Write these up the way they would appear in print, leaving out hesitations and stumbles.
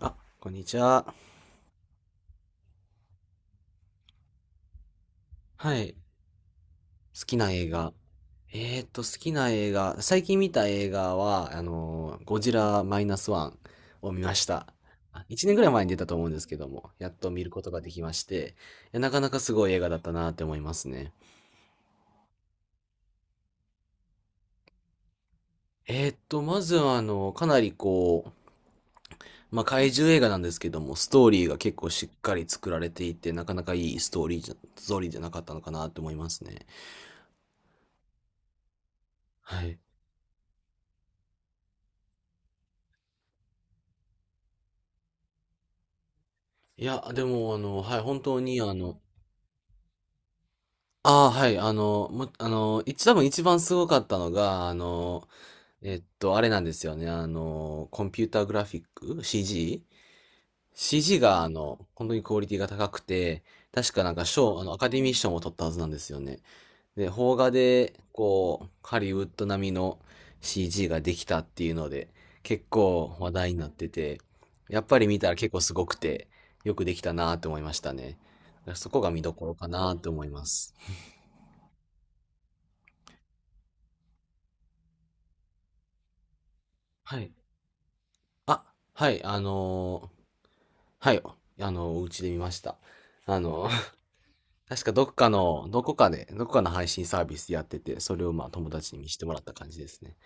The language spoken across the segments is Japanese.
あ、こんにちは。はい。好きな映画。好きな映画。最近見た映画は、ゴジラマイナスワンを見ました。あ、1年ぐらい前に出たと思うんですけども、やっと見ることができまして、いやなかなかすごい映画だったなって思いますね。まずは、かなりこう、まあ、怪獣映画なんですけども、ストーリーが結構しっかり作られていて、なかなかいいストーリーじゃなかったのかなって思いますね。はい。いや、でも、はい、本当に、ああ、はい、あの、も、あの、一、多分一番すごかったのが、あれなんですよね、コンピューターグラフィック ?CG?CG が、本当にクオリティが高くて、確かなんか賞、アカデミー賞も取ったはずなんですよね。で、邦画で、こう、ハリウッド並みの CG ができたっていうので、結構話題になってて、やっぱり見たら結構すごくて、よくできたなと思いましたね。だからそこが見どころかなと思います。はい。あ、はい、はい、お家で見ました。あのー 確かどっかの、どこかで、どこかの配信サービスやってて、それをまあ友達に見せてもらった感じですね。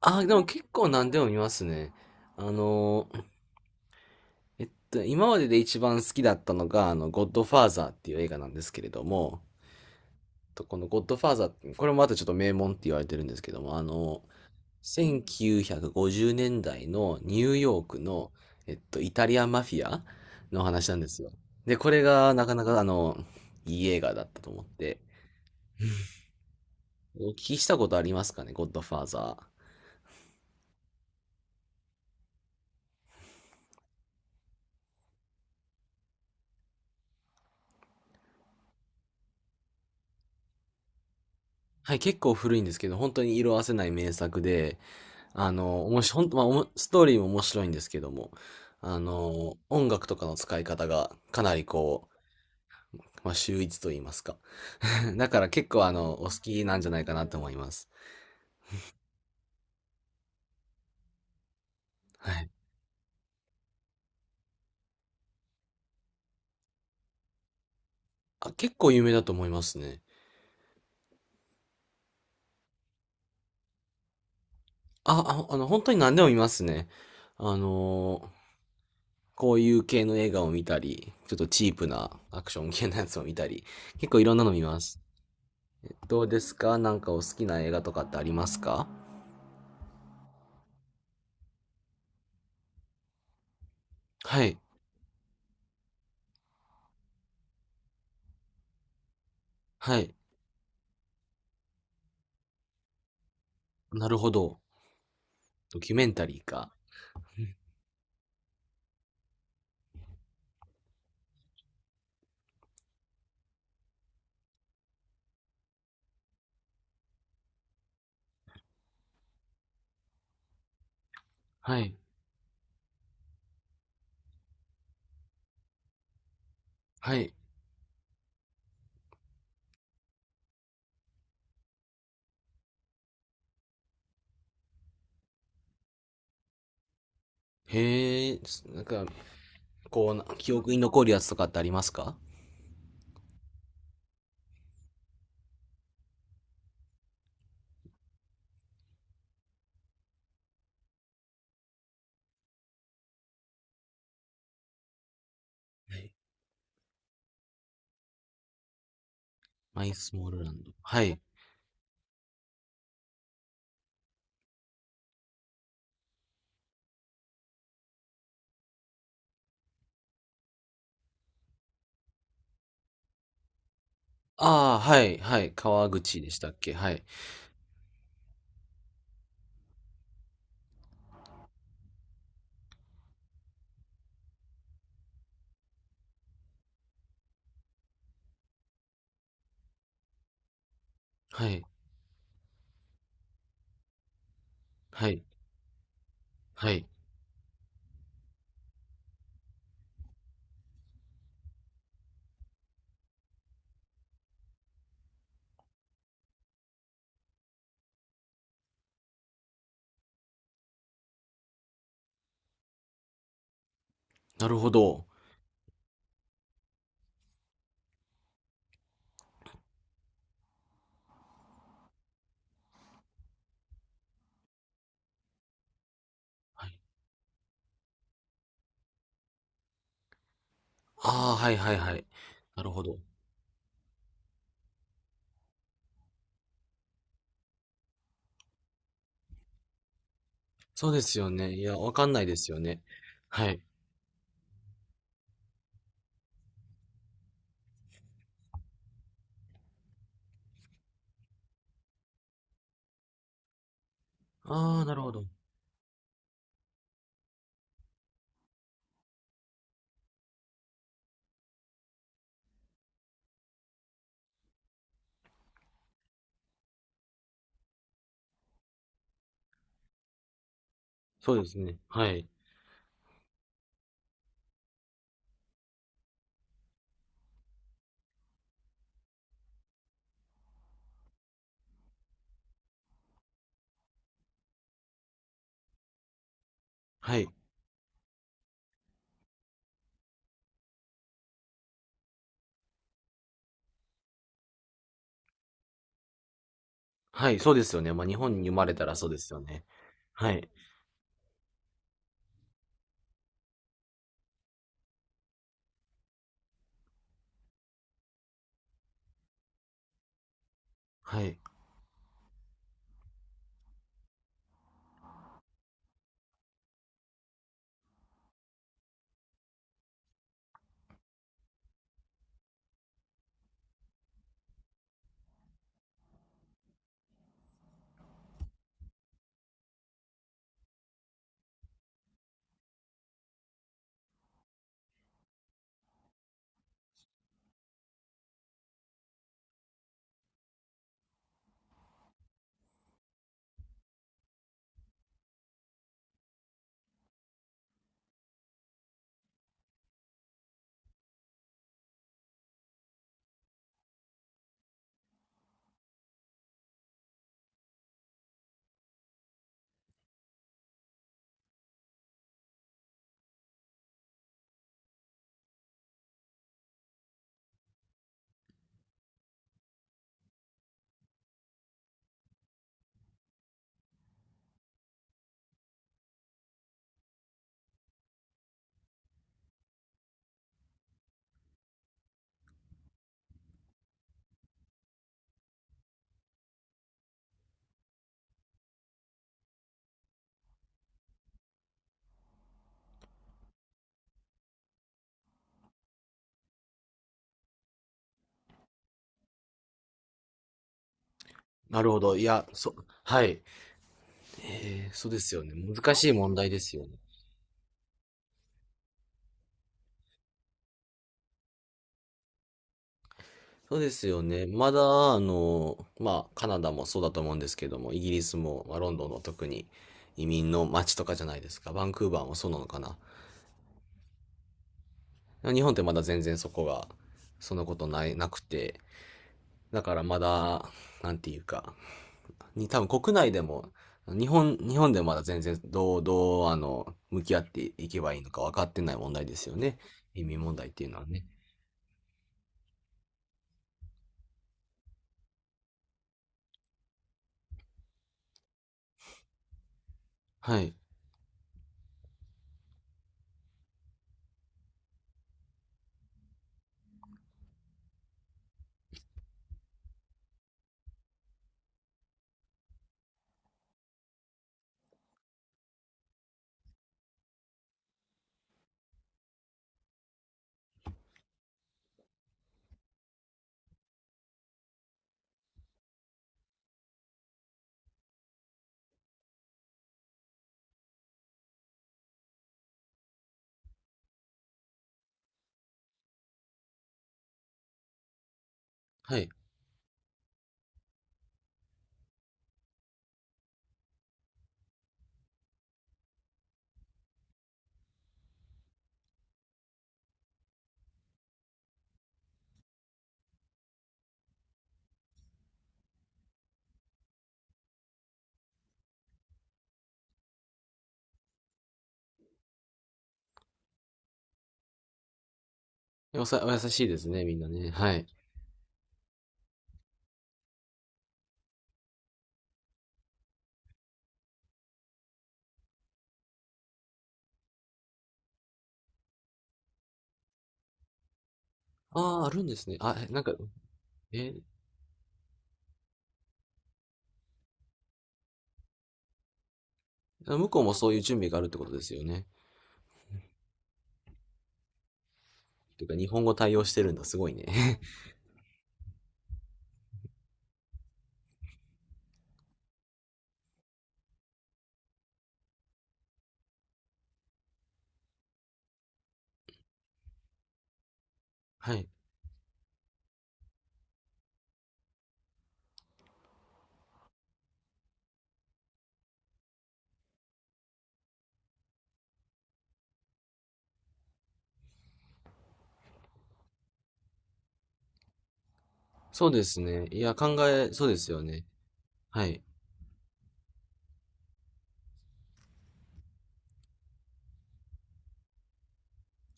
あ、でも結構何でも見ますね。あのー今までで一番好きだったのが、ゴッドファーザーっていう映画なんですけれども、とこのゴッドファーザーこれもまたちょっと名門って言われてるんですけども、あの1950年代のニューヨークの、イタリアンマフィアの話なんですよ。で、これがなかなかいい映画だったと思って。お聞きしたことありますかね、ゴッドファーザー。はい、結構古いんですけど、本当に色褪せない名作で、面白い、ほんとまあ、ストーリーも面白いんですけども、音楽とかの使い方がかなりこう、まあ、秀逸と言いますか。だから結構お好きなんじゃないかなと思います。はい。あ、結構有名だと思いますね。あ、あ、本当に何でも見ますね。あのーこういう系の映画を見たり、ちょっとチープなアクション系のやつを見たり、結構いろんなの見ます。どうですか、なんかお好きな映画とかってありますか？はい、はい。なるほど。ドキュメンタリーか。はい、はい。へえ、なんか、こうな、記憶に残るやつとかってありますか？はい。マイスモールランド。はい。ああ、はい、はい。川口でしたっけ？はい、はい。はい。はい。なるほど。はい。ああ、はいはいはい。なるほど。そうですよね。いや、わかんないですよね。はい。ああ、なるほど。そうですね。はい。はい。はい、そうですよね。まあ、日本に生まれたらそうですよね。はい。はい。なるほど。いや、はい。ええ、そうですよね。難しい問題ですよね。そうですよね。まだ、まあ、カナダもそうだと思うんですけども、イギリスも、まあ、ロンドンの特に移民の街とかじゃないですか。バンクーバーもそうなのかな。日本ってまだ全然そこが、そんなことない、なくて、だからまだ、なんていうか、に多分国内でも、日本でもまだ全然どう、向き合っていけばいいのか分かってない問題ですよね。移民問題っていうのはね。はい。はい。お優しいですね、みんなね。はい。ああ、あるんですね。あ、えなんか、え、向こうもそういう準備があるってことですよね。てか、日本語対応してるんだ、すごいね。はい。そうですね。いや、そうですよね。はい。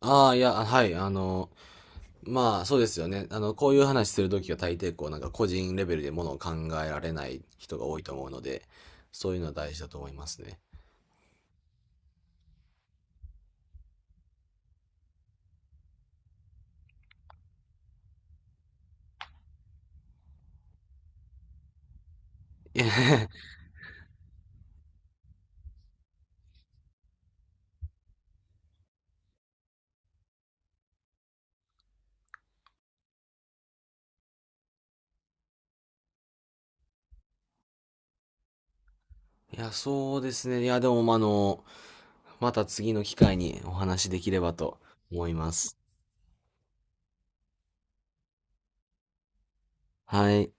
ああ、いや、はい、まあ、そうですよね。こういう話するときは大抵こう、なんか個人レベルでものを考えられない人が多いと思うので、そういうのは大事だと思いますね。いや、いやそうですね。いや、でも、まあまた次の機会にお話しできればと思います。はい。